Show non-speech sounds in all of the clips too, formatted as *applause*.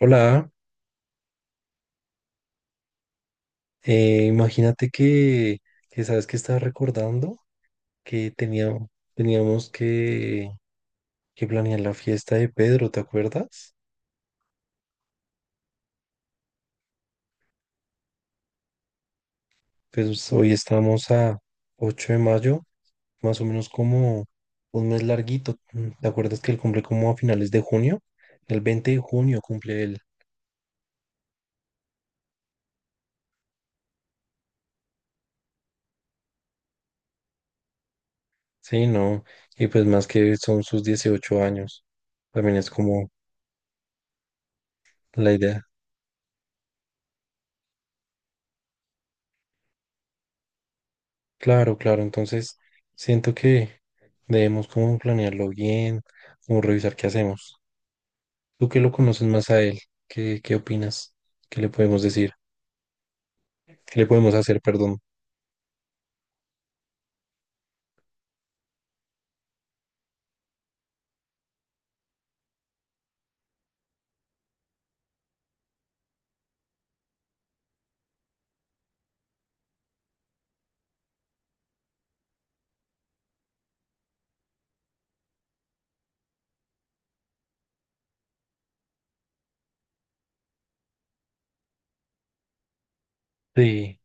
Hola, imagínate que sabes que estaba recordando que teníamos que planear la fiesta de Pedro, ¿te acuerdas? Pues hoy estamos a 8 de mayo, más o menos como un mes larguito. ¿Te acuerdas que él cumple como a finales de junio? El 20 de junio cumple él. Sí, no, y pues más que son sus 18 años. También es como la idea. Claro, claro, entonces siento que debemos como planearlo bien, como revisar qué hacemos. Tú que lo conoces más a él, ¿qué opinas? ¿Qué le podemos decir? ¿Qué le podemos hacer, perdón? Sí,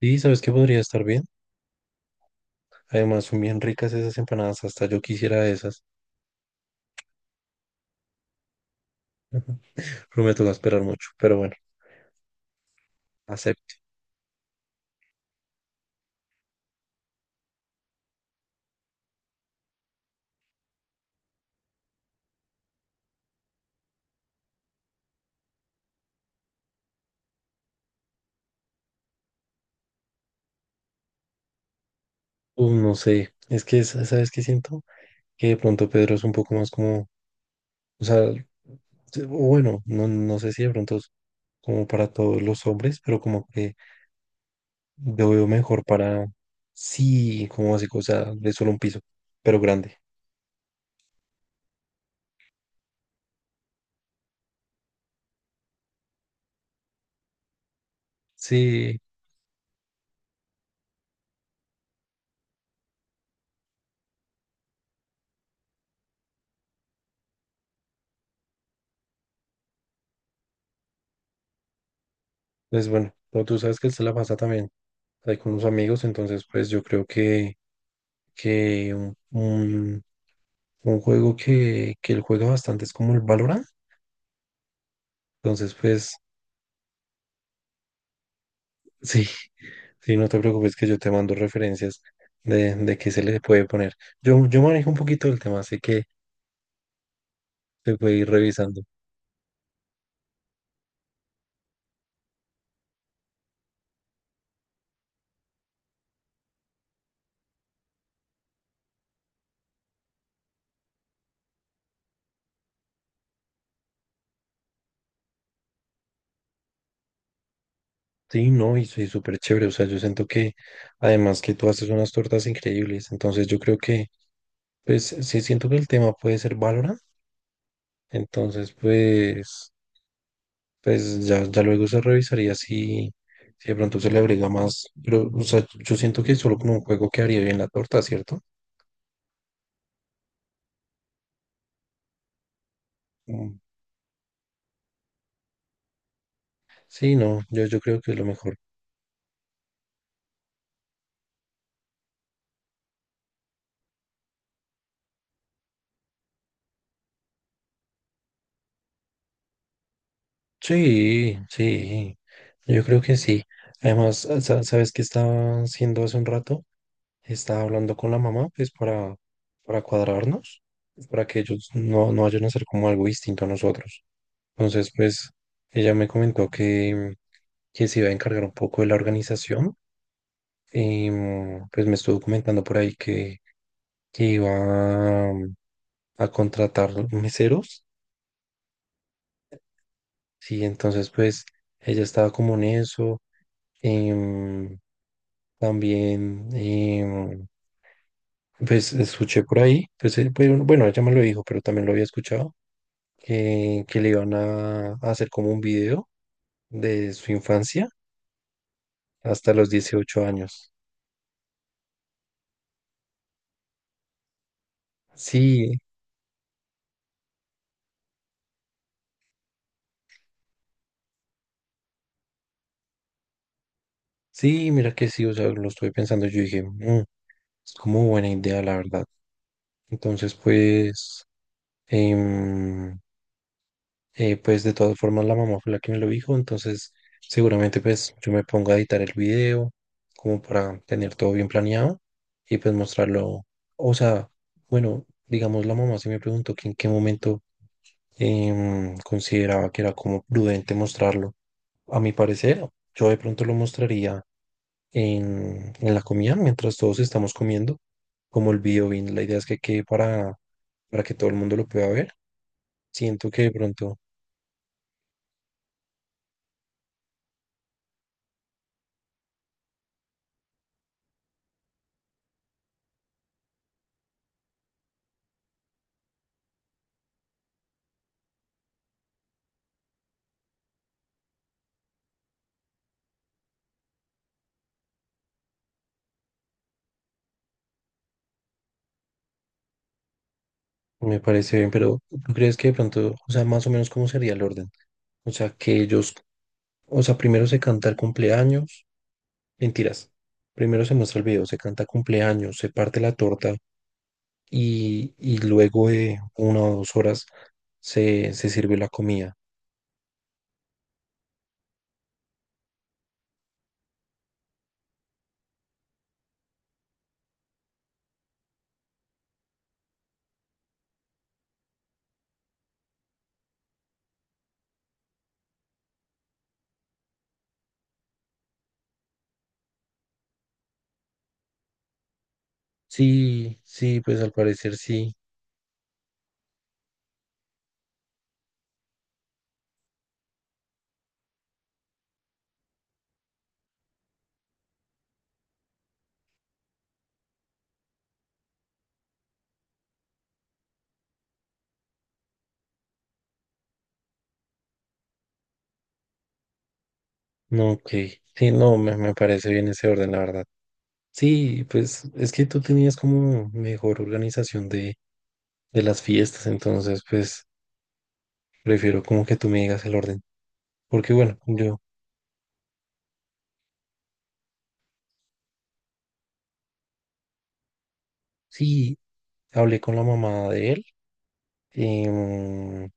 sí, ¿sabes qué podría estar bien? Además, son bien ricas esas empanadas, hasta yo quisiera esas, pero me toca esperar mucho, pero bueno, acepto. No sé, es que, ¿sabes qué siento? Que de pronto Pedro es un poco más como, o sea, o bueno, no, no sé si de pronto es como para todos los hombres, pero como que lo veo mejor para, sí, como así, cosa de solo un piso, pero grande. Sí, pues bueno, pero tú sabes que él se la pasa también ahí con unos amigos, entonces pues yo creo que, que un, un- un juego que él juega bastante es como el Valorant. Entonces pues sí, *laughs* sí, no te preocupes que yo te mando referencias de qué se le puede poner. Yo manejo un poquito el tema, así que te puede ir revisando. Sí, no, y soy súper chévere. O sea, yo siento que además que tú haces unas tortas increíbles. Entonces yo creo que, pues, sí siento que el tema puede ser Valorant. Entonces, pues ya luego se revisaría si de pronto se le agrega más. Pero, o sea, yo siento que solo con un juego quedaría bien la torta, ¿cierto? Mm. Sí, no, yo creo que es lo mejor. Sí, sí, yo creo que sí. Además, ¿sabes qué estaba haciendo hace un rato? Estaba hablando con la mamá, pues para cuadrarnos, pues, para que ellos no vayan a hacer como algo distinto a nosotros. Entonces, pues ella me comentó que se iba a encargar un poco de la organización. Y pues me estuvo comentando por ahí que iba a, a contratar meseros. Sí, entonces pues ella estaba como en eso. em, También, pues escuché por ahí, pues, bueno, bueno, ella me lo dijo, pero también lo había escuchado, que le iban a hacer como un video de su infancia hasta los 18 años. Sí, sí, mira que sí, o sea, lo estuve pensando, yo dije, "Es como buena idea, la verdad." Entonces, pues, em, pues de todas formas la mamá fue la que me lo dijo, entonces seguramente pues yo me pongo a editar el video como para tener todo bien planeado y pues mostrarlo. O sea, bueno, digamos la mamá sí me preguntó que en qué momento consideraba que era como prudente mostrarlo. A mi parecer, yo de pronto lo mostraría en la comida mientras todos estamos comiendo, como el video bien, la idea es que quede para que todo el mundo lo pueda ver. Siento que de pronto. Me parece bien, pero ¿tú crees que de pronto, o sea, más o menos cómo sería el orden? O sea, que ellos, o sea, primero se canta el cumpleaños, mentiras, primero se muestra el video, se canta cumpleaños, se parte la torta y luego de 1 o 2 horas se sirve la comida. Sí, sí, pues al parecer sí. No, ok. Sí, no, me parece bien ese orden, la verdad. Sí, pues es que tú tenías como mejor organización de las fiestas, entonces, pues. Prefiero como que tú me digas el orden. Porque bueno, yo sí hablé con la mamá de él. em,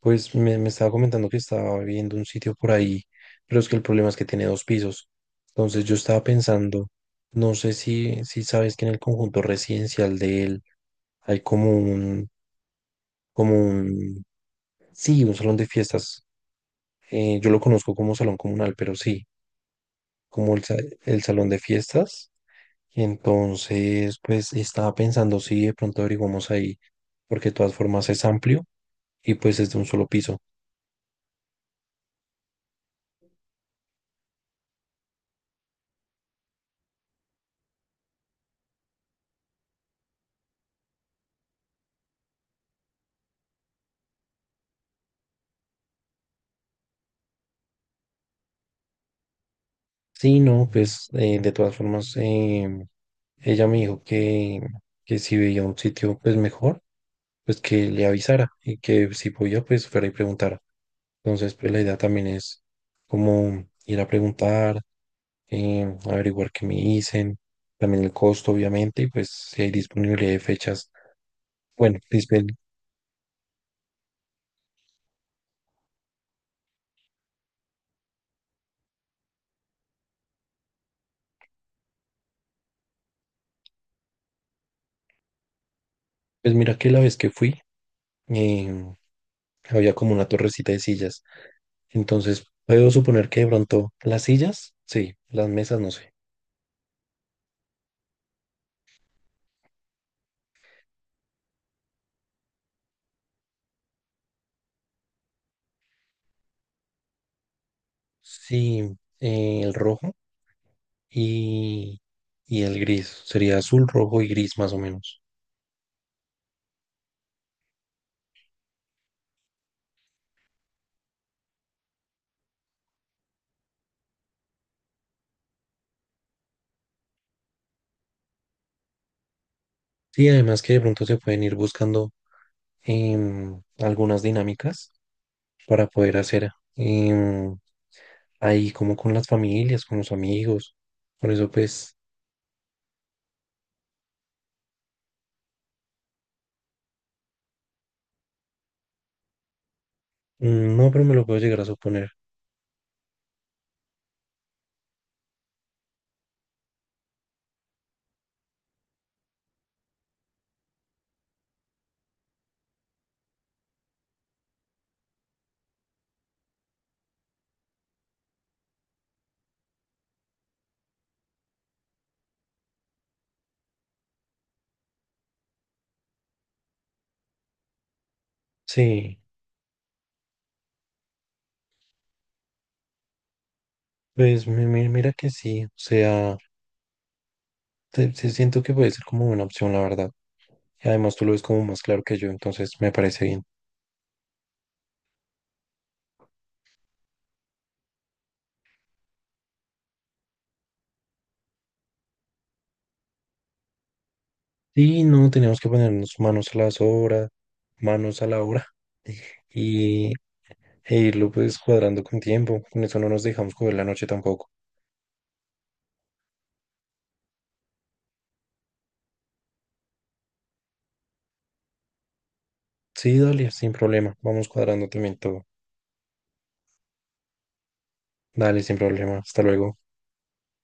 pues me estaba comentando que estaba viendo un sitio por ahí, pero es que el problema es que tiene 2 pisos. Entonces yo estaba pensando, no sé si sabes que en el conjunto residencial de él hay como un, sí, un salón de fiestas. Yo lo conozco como salón comunal, pero sí, como el, sa- el salón de fiestas. Entonces, pues estaba pensando si de pronto averiguamos ahí, porque de todas formas es amplio y pues es de un solo piso. Sí, no, pues de todas formas ella me dijo que si veía un sitio pues mejor, pues que le avisara y que si podía pues fuera y preguntara. Entonces, pues la idea también es como ir a preguntar, averiguar qué me dicen, también el costo obviamente y pues si hay disponibilidad de fechas. Bueno, Lisbeth, pues mira que la vez que fui, y había como una torrecita de sillas. Entonces, puedo suponer que de pronto las sillas, sí, las mesas, no sé. Sí, el rojo y, y el gris. Sería azul, rojo y gris más o menos. Sí, además que de pronto se pueden ir buscando algunas dinámicas para poder hacer em, ahí como con las familias, con los amigos. Por eso pues, no, pero me lo puedo llegar a suponer. Sí, pues mira que sí. O sea. Te siento que puede ser como una opción, la verdad. Y además tú lo ves como más claro que yo, entonces me parece bien. Sí, no, tenemos que ponernos manos a las obras, manos a la obra *laughs* y, e irlo pues cuadrando con tiempo. Con eso no nos dejamos coger la noche tampoco. Sí, dale, sin problema. Vamos cuadrando también todo. Dale, sin problema. Hasta luego.